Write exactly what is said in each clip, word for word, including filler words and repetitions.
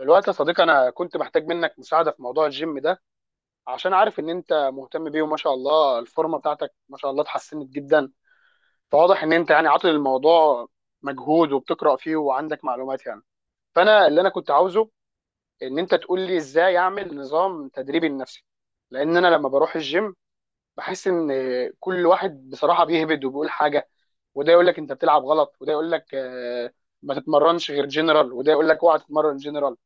الوقت يا صديقي، انا كنت محتاج منك مساعده في موضوع الجيم ده، عشان عارف ان انت مهتم بيه، وما شاء الله الفورمه بتاعتك ما شاء الله اتحسنت جدا. فواضح ان انت يعني عاطل الموضوع مجهود وبتقرا فيه وعندك معلومات يعني. فانا اللي انا كنت عاوزه ان انت تقول لي ازاي اعمل نظام تدريبي لنفسي. لان انا لما بروح الجيم بحس ان كل واحد بصراحه بيهبد وبيقول حاجه. وده يقول لك انت بتلعب غلط، وده يقول لك آه، ما تتمرنش غير جنرال، وده يقول لك اوعى تتمرن جنرال.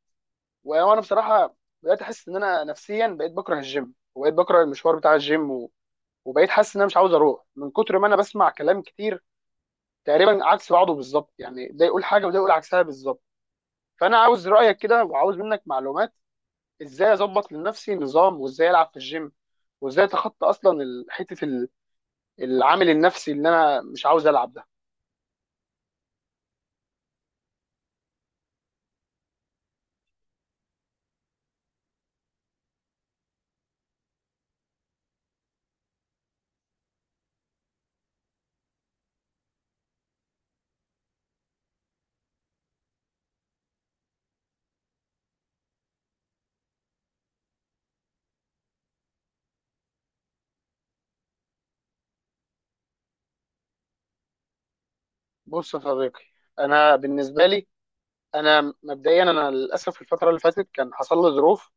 وانا بصراحه بدات احس ان انا نفسيا بقيت بكره الجيم وبقيت بكره المشوار بتاع الجيم و... وبقيت حاسس ان انا مش عاوز اروح من كتر ما انا بسمع كلام كتير تقريبا عكس بعضه بالظبط. يعني ده يقول حاجه وده يقول عكسها بالظبط. فانا عاوز رايك كده وعاوز منك معلومات ازاي اظبط لنفسي نظام، وازاي العب في الجيم، وازاي اتخطى اصلا ال- حته ال- العامل النفسي اللي انا مش عاوز العب ده. بص يا صديقي، انا بالنسبه لي انا مبدئيا انا للاسف الفتره اللي فاتت كان حصل لي ظروف.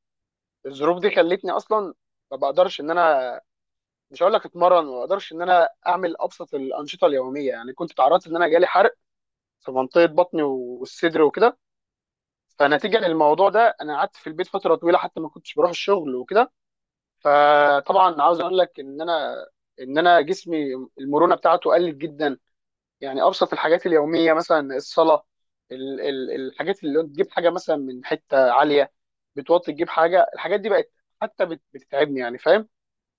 الظروف دي خلتني اصلا ما بقدرش ان انا، مش هقول لك اتمرن، ما بقدرش ان انا اعمل ابسط الانشطه اليوميه. يعني كنت تعرضت ان انا جالي حرق في منطقه بطني والصدر وكده. فنتيجه للموضوع ده انا قعدت في البيت فتره طويله، حتى ما كنتش بروح الشغل وكده. فطبعا عاوز اقول لك ان انا، ان انا جسمي المرونه بتاعته قلت جدا. يعني ابسط الحاجات اليوميه مثلا الصلاه، ال- ال- الحاجات اللي تجيب حاجه مثلا من حته عاليه، بتوطي تجيب حاجه، الحاجات دي بقت حتى بت- بتتعبني، يعني فاهم.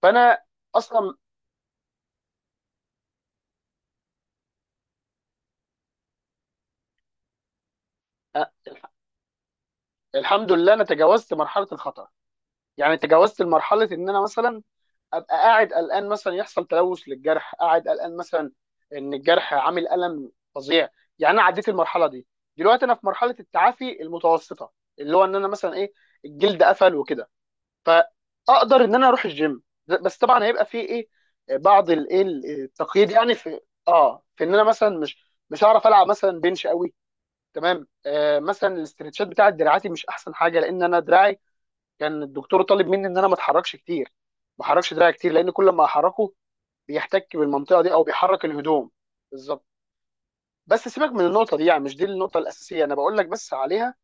فانا اصلا أ- الحمد لله انا تجاوزت مرحله الخطر. يعني تجاوزت مرحله ان انا مثلا ابقى قاعد قلقان مثلا يحصل تلوث للجرح، قاعد قلقان مثلا ان الجرح عامل الم فظيع. يعني انا عديت المرحله دي. دلوقتي انا في مرحله التعافي المتوسطه، اللي هو ان انا مثلا ايه، الجلد قفل وكده. فاقدر ان انا اروح الجيم، بس طبعا هيبقى فيه ايه، بعض الايه التقييد يعني. في اه، في ان انا مثلا مش مش هعرف العب مثلا بنش قوي. تمام آه، مثلا الاسترتشات بتاعت دراعاتي مش احسن حاجه، لان انا دراعي كان الدكتور طالب مني ان انا ما اتحركش كتير، ما احركش دراعي كتير، لان كل ما احركه بيحتك بالمنطقه دي او بيحرك الهدوم. بالظبط. بس سيبك من النقطه دي، يعني مش دي النقطه الاساسيه انا بقول لك بس عليها.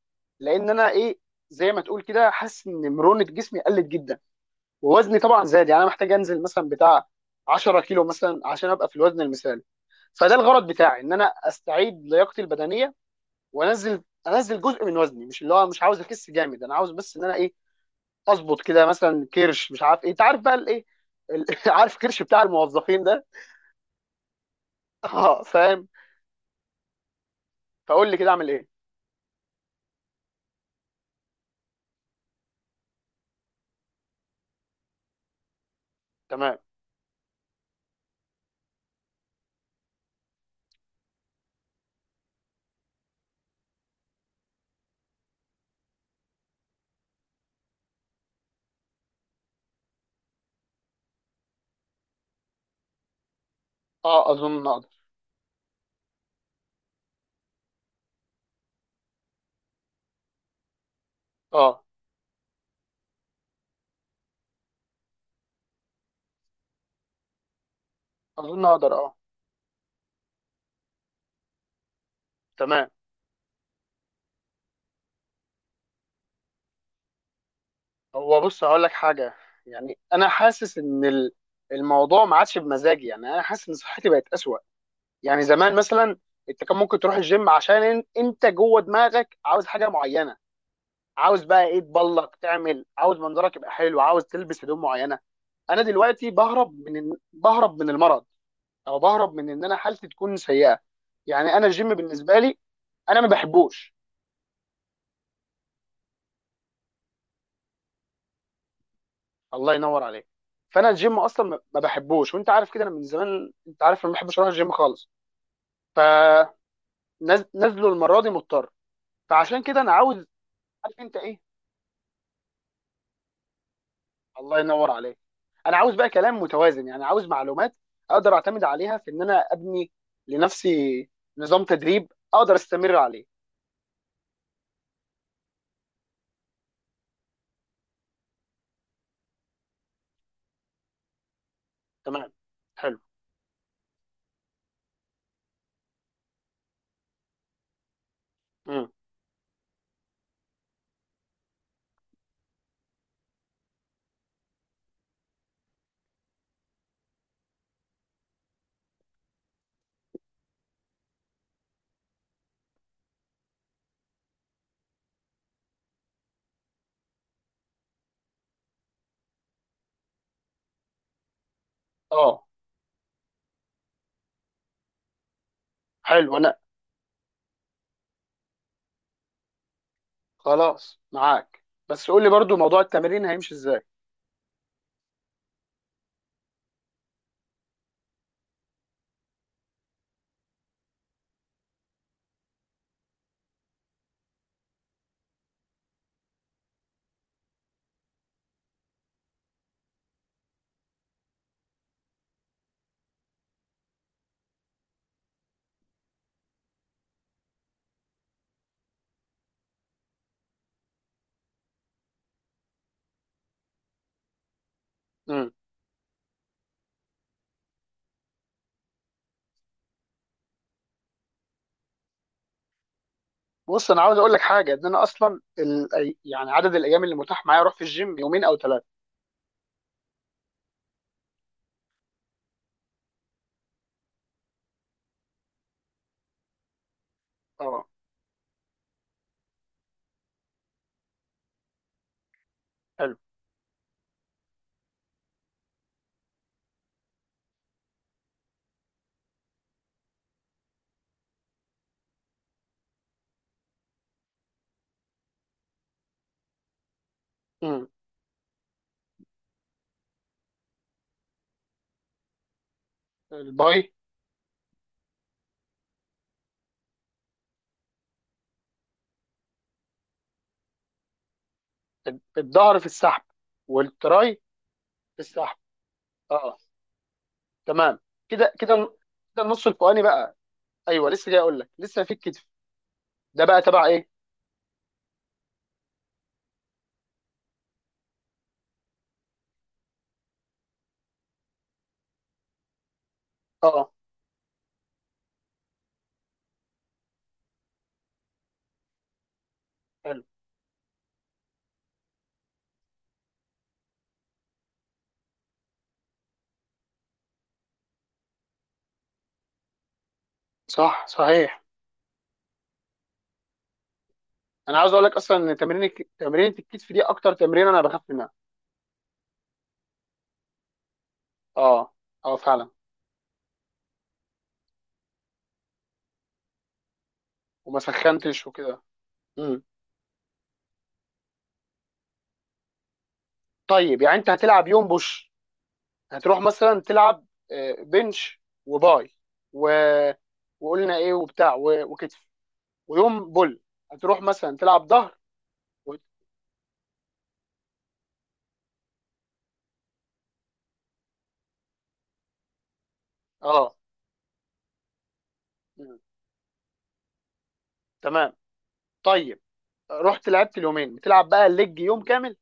لان انا ايه، زي ما تقول كده، حاسس ان مرونه جسمي قلت جدا ووزني طبعا زاد. يعني انا محتاج انزل مثلا بتاع عشرة كيلو مثلا عشان ابقى في الوزن المثالي. فده الغرض بتاعي، ان انا استعيد لياقتي البدنيه وانزل انزل جزء من وزني، مش اللي هو مش عاوز اخس جامد، انا عاوز بس ان انا ايه، اظبط كده مثلا كرش، مش عارف ايه، انت عارف بقى الايه ال- عارف كرش بتاع الموظفين ده. اه فاهم. فقول لي كده اعمل ايه. تمام. اه اظن اقدر اه اظن اقدر اه. تمام. هو بص هقول لك حاجه، يعني انا حاسس ان ال- الموضوع ما عادش بمزاجي. يعني انا حاسس ان صحتي بقت اسوأ. يعني زمان مثلا انت كان ممكن تروح الجيم عشان إن- انت جوه دماغك عاوز حاجه معينه، عاوز بقى ايه تبلق تعمل، عاوز منظرك يبقى حلو، عاوز تلبس هدوم معينه. انا دلوقتي بهرب من إن... بهرب من المرض، او بهرب من ان انا حالتي تكون سيئه. يعني انا الجيم بالنسبه لي انا ما بحبوش. الله ينور عليك. فانا الجيم اصلا ما ما بحبوش، وانت عارف كده، انا من زمان انت عارف أنا ما بحبش اروح الجيم خالص. فنزلوا المره دي مضطر. فعشان كده انا عاوز، عارف انت ايه، الله ينور عليك، انا عاوز بقى كلام متوازن. يعني عاوز معلومات اقدر اعتمد عليها في ان انا ابني لنفسي نظام تدريب اقدر استمر عليه. تمام. حلو. امم. اه. حلو. انا خلاص معاك، بس قول لي برضو موضوع التمرين هيمشي ازاي. امم. بص انا عاوز اقول لك حاجه، ان انا اصلا ال... أي- يعني عدد الايام اللي متاح معايا اروح في الجيم يومين او ثلاثه. اه. حلو. امم. الباي. الظهر في السحب، والتراي في السحب. اه، تمام. كده كده كده النص الفوقاني بقى. ايوه لسه جاي اقول لك، لسه في الكتف ده، بقى تبع ايه. اه آه. حلو. صح صحيح. انا عاوز اقول لك اصلا ان تمرين الك- تمرينة الكتف دي اكتر تمرين انا بخاف منها. اه. اه فعلا. وما سخنتش وكده. امم. طيب يعني انت هتلعب يوم بوش، هتروح مثلا تلعب آه، بنش وباي و... وقلنا ايه وبتاع و... وكتف. ويوم بول هتروح مثلا تلعب ظهر و... اه. مم. تمام. طيب رحت لعبت اليومين، بتلعب بقى الليج يوم كامل.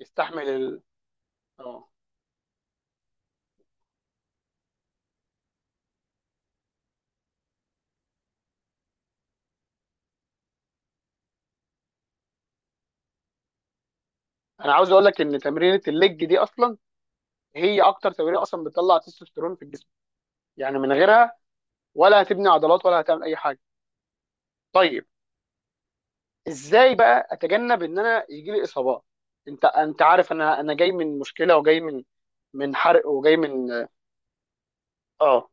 يستحمل ال... اه. انا عاوز اقول لك ان تمرينه الليج دي اصلا هي اكتر تمرينه اصلا بتطلع تستوستيرون في الجسم. يعني من غيرها ولا هتبني عضلات ولا هتعمل اي حاجه. طيب، ازاي بقى اتجنب ان انا يجي لي اصابات. انت انت عارف انا انا جاي من مشكله وجاي من، من حرق وجاي من، اه.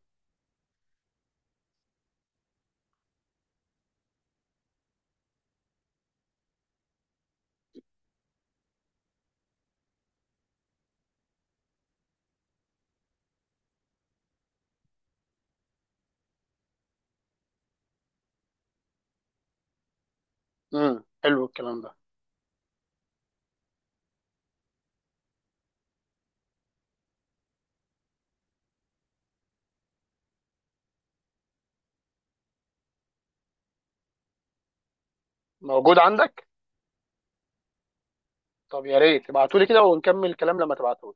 امم. حلو الكلام ده. موجود عندك. طب يا ريت ابعتولي كده ونكمل الكلام لما تبعته.